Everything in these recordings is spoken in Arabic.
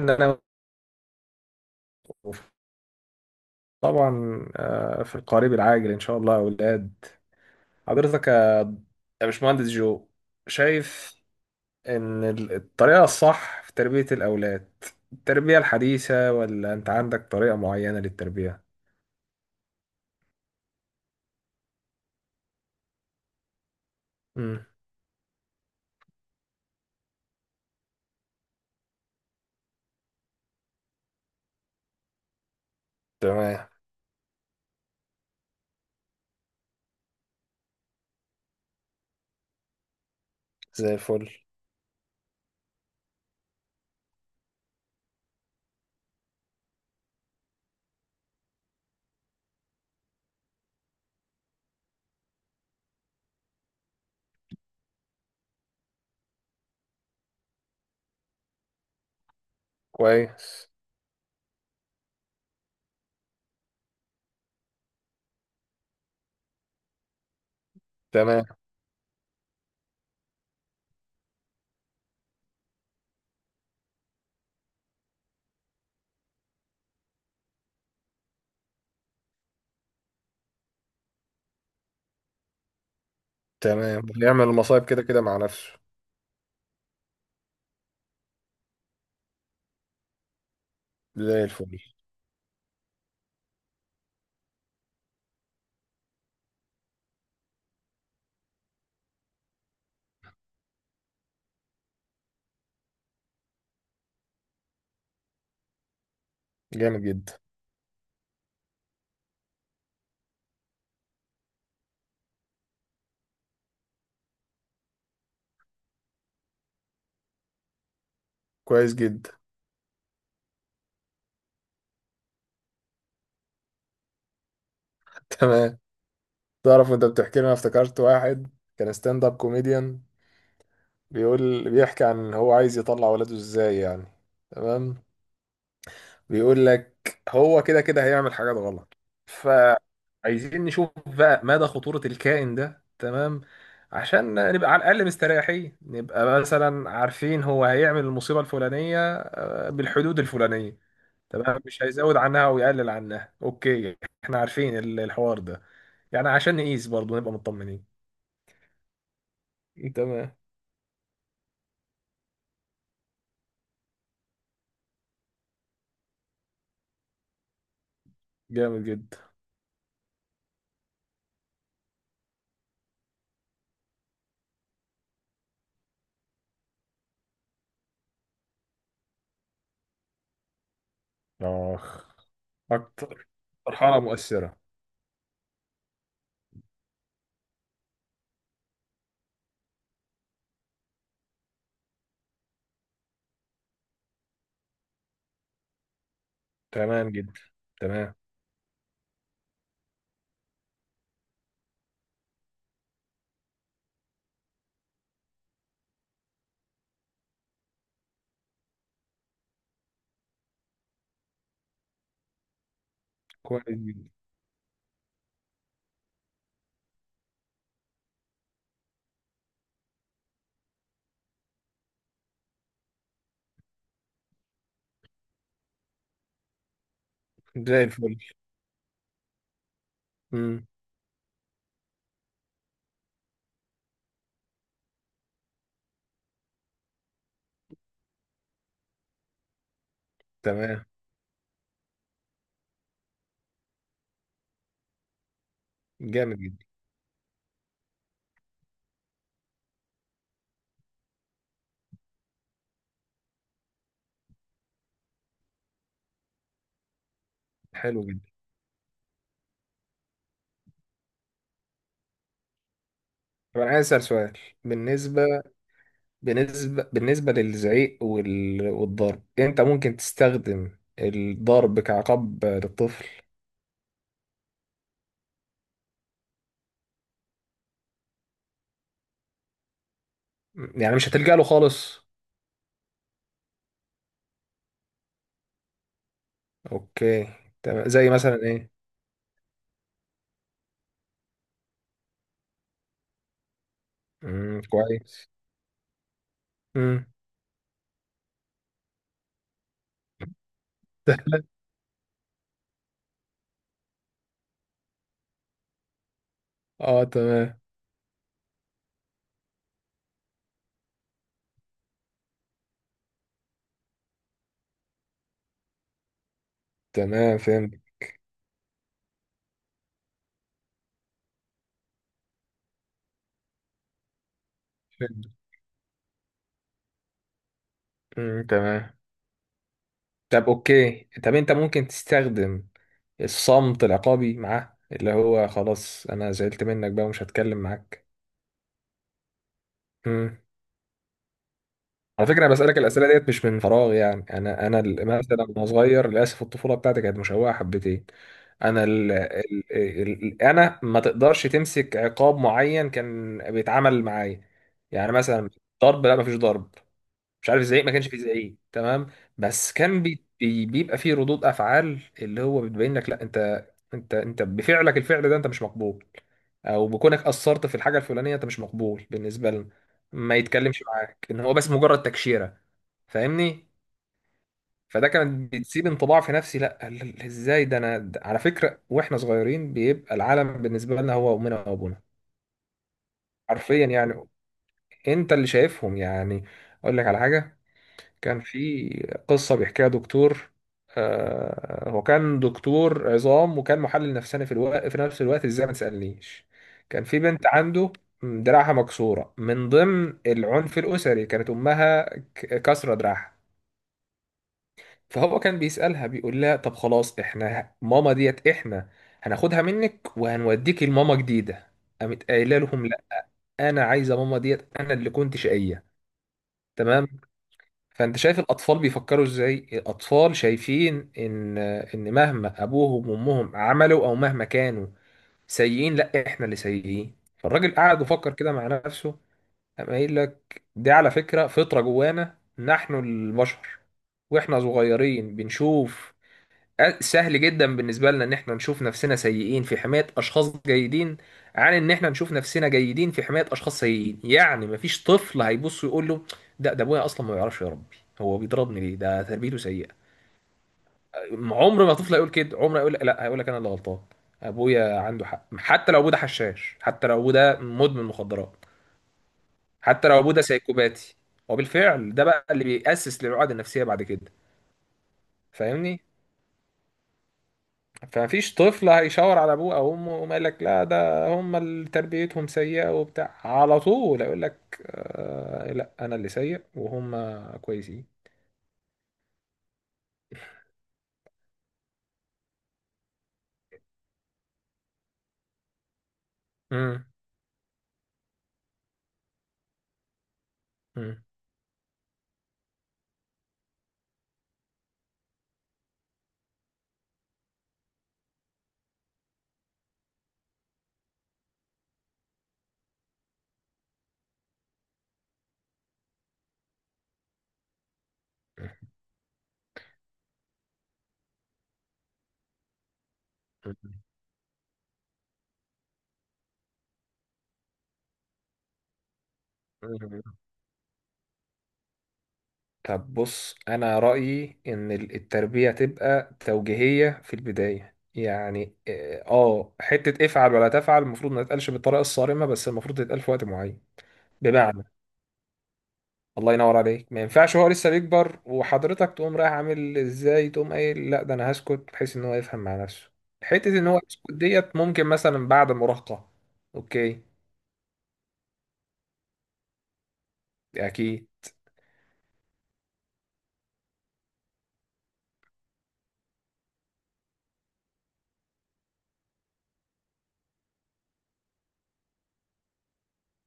إن أنا طبعا، في القريب العاجل إن شاء الله يا أولاد. حضرتك يا باشمهندس جو، شايف إن الطريقة الصح في تربية الأولاد، التربية الحديثة، ولا أنت عندك طريقة معينة للتربية؟ مم. تمام، زي الفل. كويس. تمام تمام، بيعمل المصايب كده كده مع نفسه. زي الفل. جامد جدا. كويس جدا. تمام. تعرف وانت بتحكي لي، انا افتكرت واحد كان ستاند اب كوميديان، بيقول، بيحكي عن هو عايز يطلع ولاده ازاي يعني. تمام. بيقول لك هو كده كده هيعمل حاجات غلط، فعايزين نشوف بقى مدى خطورة الكائن ده. تمام، عشان نبقى على الأقل مستريحين، نبقى مثلا عارفين هو هيعمل المصيبة الفلانية بالحدود الفلانية. تمام، مش هيزود عنها أو يقلل عنها. أوكي، احنا عارفين الحوار ده يعني، عشان نقيس برضه نبقى مطمنين. تمام. جامد جدا. آخ. أكتر مرحلة مؤثرة. تمام جدا. تمام. كويس جدا. زي الفل. امم تمام. جامد جدا. حلو جدا. طب انا عايز اسال سؤال. بالنسبه بالنسبه للزعيق والضرب، انت ممكن تستخدم الضرب كعقاب للطفل؟ يعني مش هتلجأ له خالص؟ اوكي. تمام، زي مثلا ايه؟ كويس. امم اه تمام. تمام فهمت. فهمت. تمام. طب اوكي، طب انت ممكن تستخدم الصمت العقابي معاه، اللي هو خلاص انا زعلت منك بقى ومش هتكلم معاك؟ امم على فكره، انا بسالك الاسئله ديت مش من فراغ. يعني انا، مثلا وانا صغير، للاسف الطفوله بتاعتي كانت مشوهه حبتين. انا، ال ال ال ال انا ما تقدرش تمسك عقاب معين كان بيتعامل معايا. يعني مثلا ضرب، لا ما فيش ضرب. مش عارف، زعيق ما كانش فيه زعيق. تمام. بس كان بي بي بيبقى فيه ردود افعال، اللي هو بتبين لك لا انت، انت بفعلك الفعل ده انت مش مقبول، او بكونك اثرت في الحاجه الفلانيه انت مش مقبول بالنسبه لنا، ما يتكلمش معاك، ان هو بس مجرد تكشيره. فاهمني؟ فده كان بتسيب انطباع في نفسي، لا ازاي ده؟ انا ده على فكره، واحنا صغيرين بيبقى العالم بالنسبه لنا هو امنا وابونا. حرفيا يعني. انت اللي شايفهم يعني. اقول لك على حاجه. كان في قصة بيحكيها دكتور، هو كان دكتور عظام وكان محلل نفساني في نفس الوقت، ازاي ما تسألنيش. كان في بنت عنده، دراعها مكسورة، من ضمن العنف الأسري، كانت أمها كسرة دراعها. فهو كان بيسألها، بيقول لها طب خلاص احنا ماما ديت احنا هناخدها منك وهنوديك لماما جديدة. قامت قايله لهم لا، انا عايزه ماما ديت، انا اللي كنت شقيه. تمام. فانت شايف الاطفال بيفكروا ازاي. الاطفال شايفين ان مهما ابوهم وامهم عملوا، او مهما كانوا سيئين، لا احنا اللي سيئين. فالراجل قعد وفكر كده مع نفسه، قام قايل لك دي على فكرة فطرة جوانا نحن البشر. واحنا صغيرين بنشوف سهل جدا بالنسبة لنا ان احنا نشوف نفسنا سيئين في حماية اشخاص جيدين عن ان احنا نشوف نفسنا جيدين في حماية اشخاص سيئين. يعني مفيش طفل هيبص يقول له ده ابويا اصلا ما بيعرفش يربي، هو بيضربني ليه، ده تربيته سيئة. عمر ما طفل هيقول كده. عمر هيقول لا، هيقول لك انا اللي غلطان، ابويا عنده حق، حتى لو ابوه ده حشاش، حتى لو ابوه ده مدمن مخدرات، حتى لو ابوه ده سايكوباتي. وبالفعل ده بقى اللي بيأسس للعقد النفسية بعد كده. فاهمني؟ فمفيش طفل هيشاور على ابوه او امه وما يقول لك لا ده هم اللي تربيتهم سيئه وبتاع، على طول اقول لك آه لا انا اللي سيء وهم كويسين. مم. مم. مم. طب بص، انا رايي ان التربيه تبقى توجيهيه في البدايه. يعني اه، حته افعل ولا تفعل، المفروض ما تتقالش بالطريقه الصارمه، بس المفروض تتقال في وقت معين. بمعنى، الله ينور عليك، ما ينفعش هو لسه بيكبر وحضرتك تقوم رايح عامل ازاي، تقوم قايل لا ده انا هسكت بحيث ان هو يفهم مع نفسه. حتة ان هو يسكت ديت ممكن مثلا بعد المراهقة. اوكي. اكيد.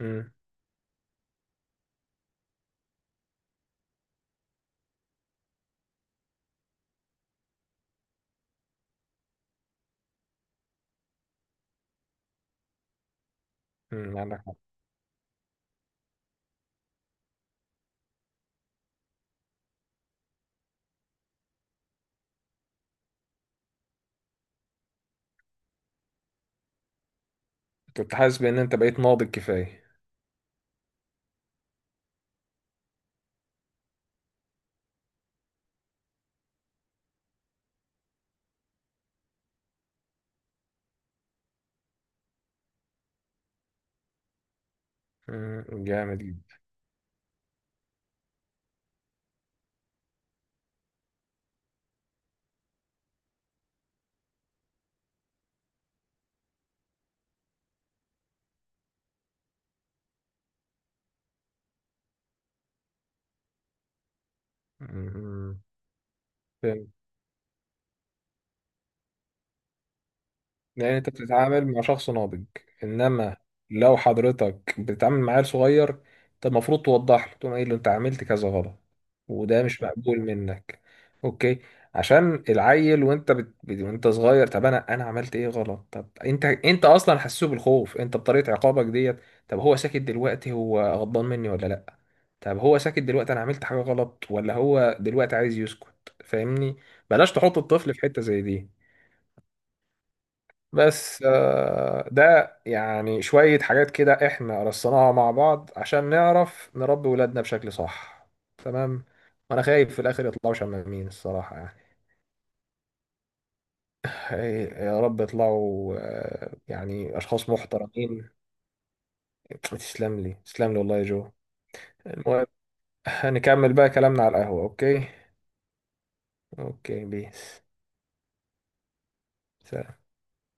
امم عندك حق. كنت حاسس بان انت بقيت ناضج كفاية. جامد جدا. امم لان انت بتتعامل مع شخص ناضج. انما لو حضرتك بتتعامل مع عيل صغير، انت المفروض توضح له، تقوم قايل له ايه اللي انت عملت كذا غلط، وده مش مقبول منك. اوكي، عشان العيل وانت وانت صغير، طب انا، انا عملت ايه غلط؟ طب انت، انت اصلا حسسه بالخوف انت بطريقه عقابك ديت. طب هو ساكت دلوقتي، هو غضبان مني ولا لا؟ طب هو ساكت دلوقتي، انا عملت حاجه غلط ولا هو دلوقتي عايز يسكت؟ فاهمني؟ بلاش تحط الطفل في حته زي دي. بس ده يعني شوية حاجات كده احنا رصيناها مع بعض عشان نعرف نربي ولادنا بشكل صح. تمام. وانا خايف في الاخر يطلعوا شمامين الصراحة يعني. إيه، يا رب يطلعوا يعني اشخاص محترمين. تسلم لي، تسلم لي والله يا جو. المهم، هنكمل بقى كلامنا على القهوة. اوكي. اوكي، بيس. سلام.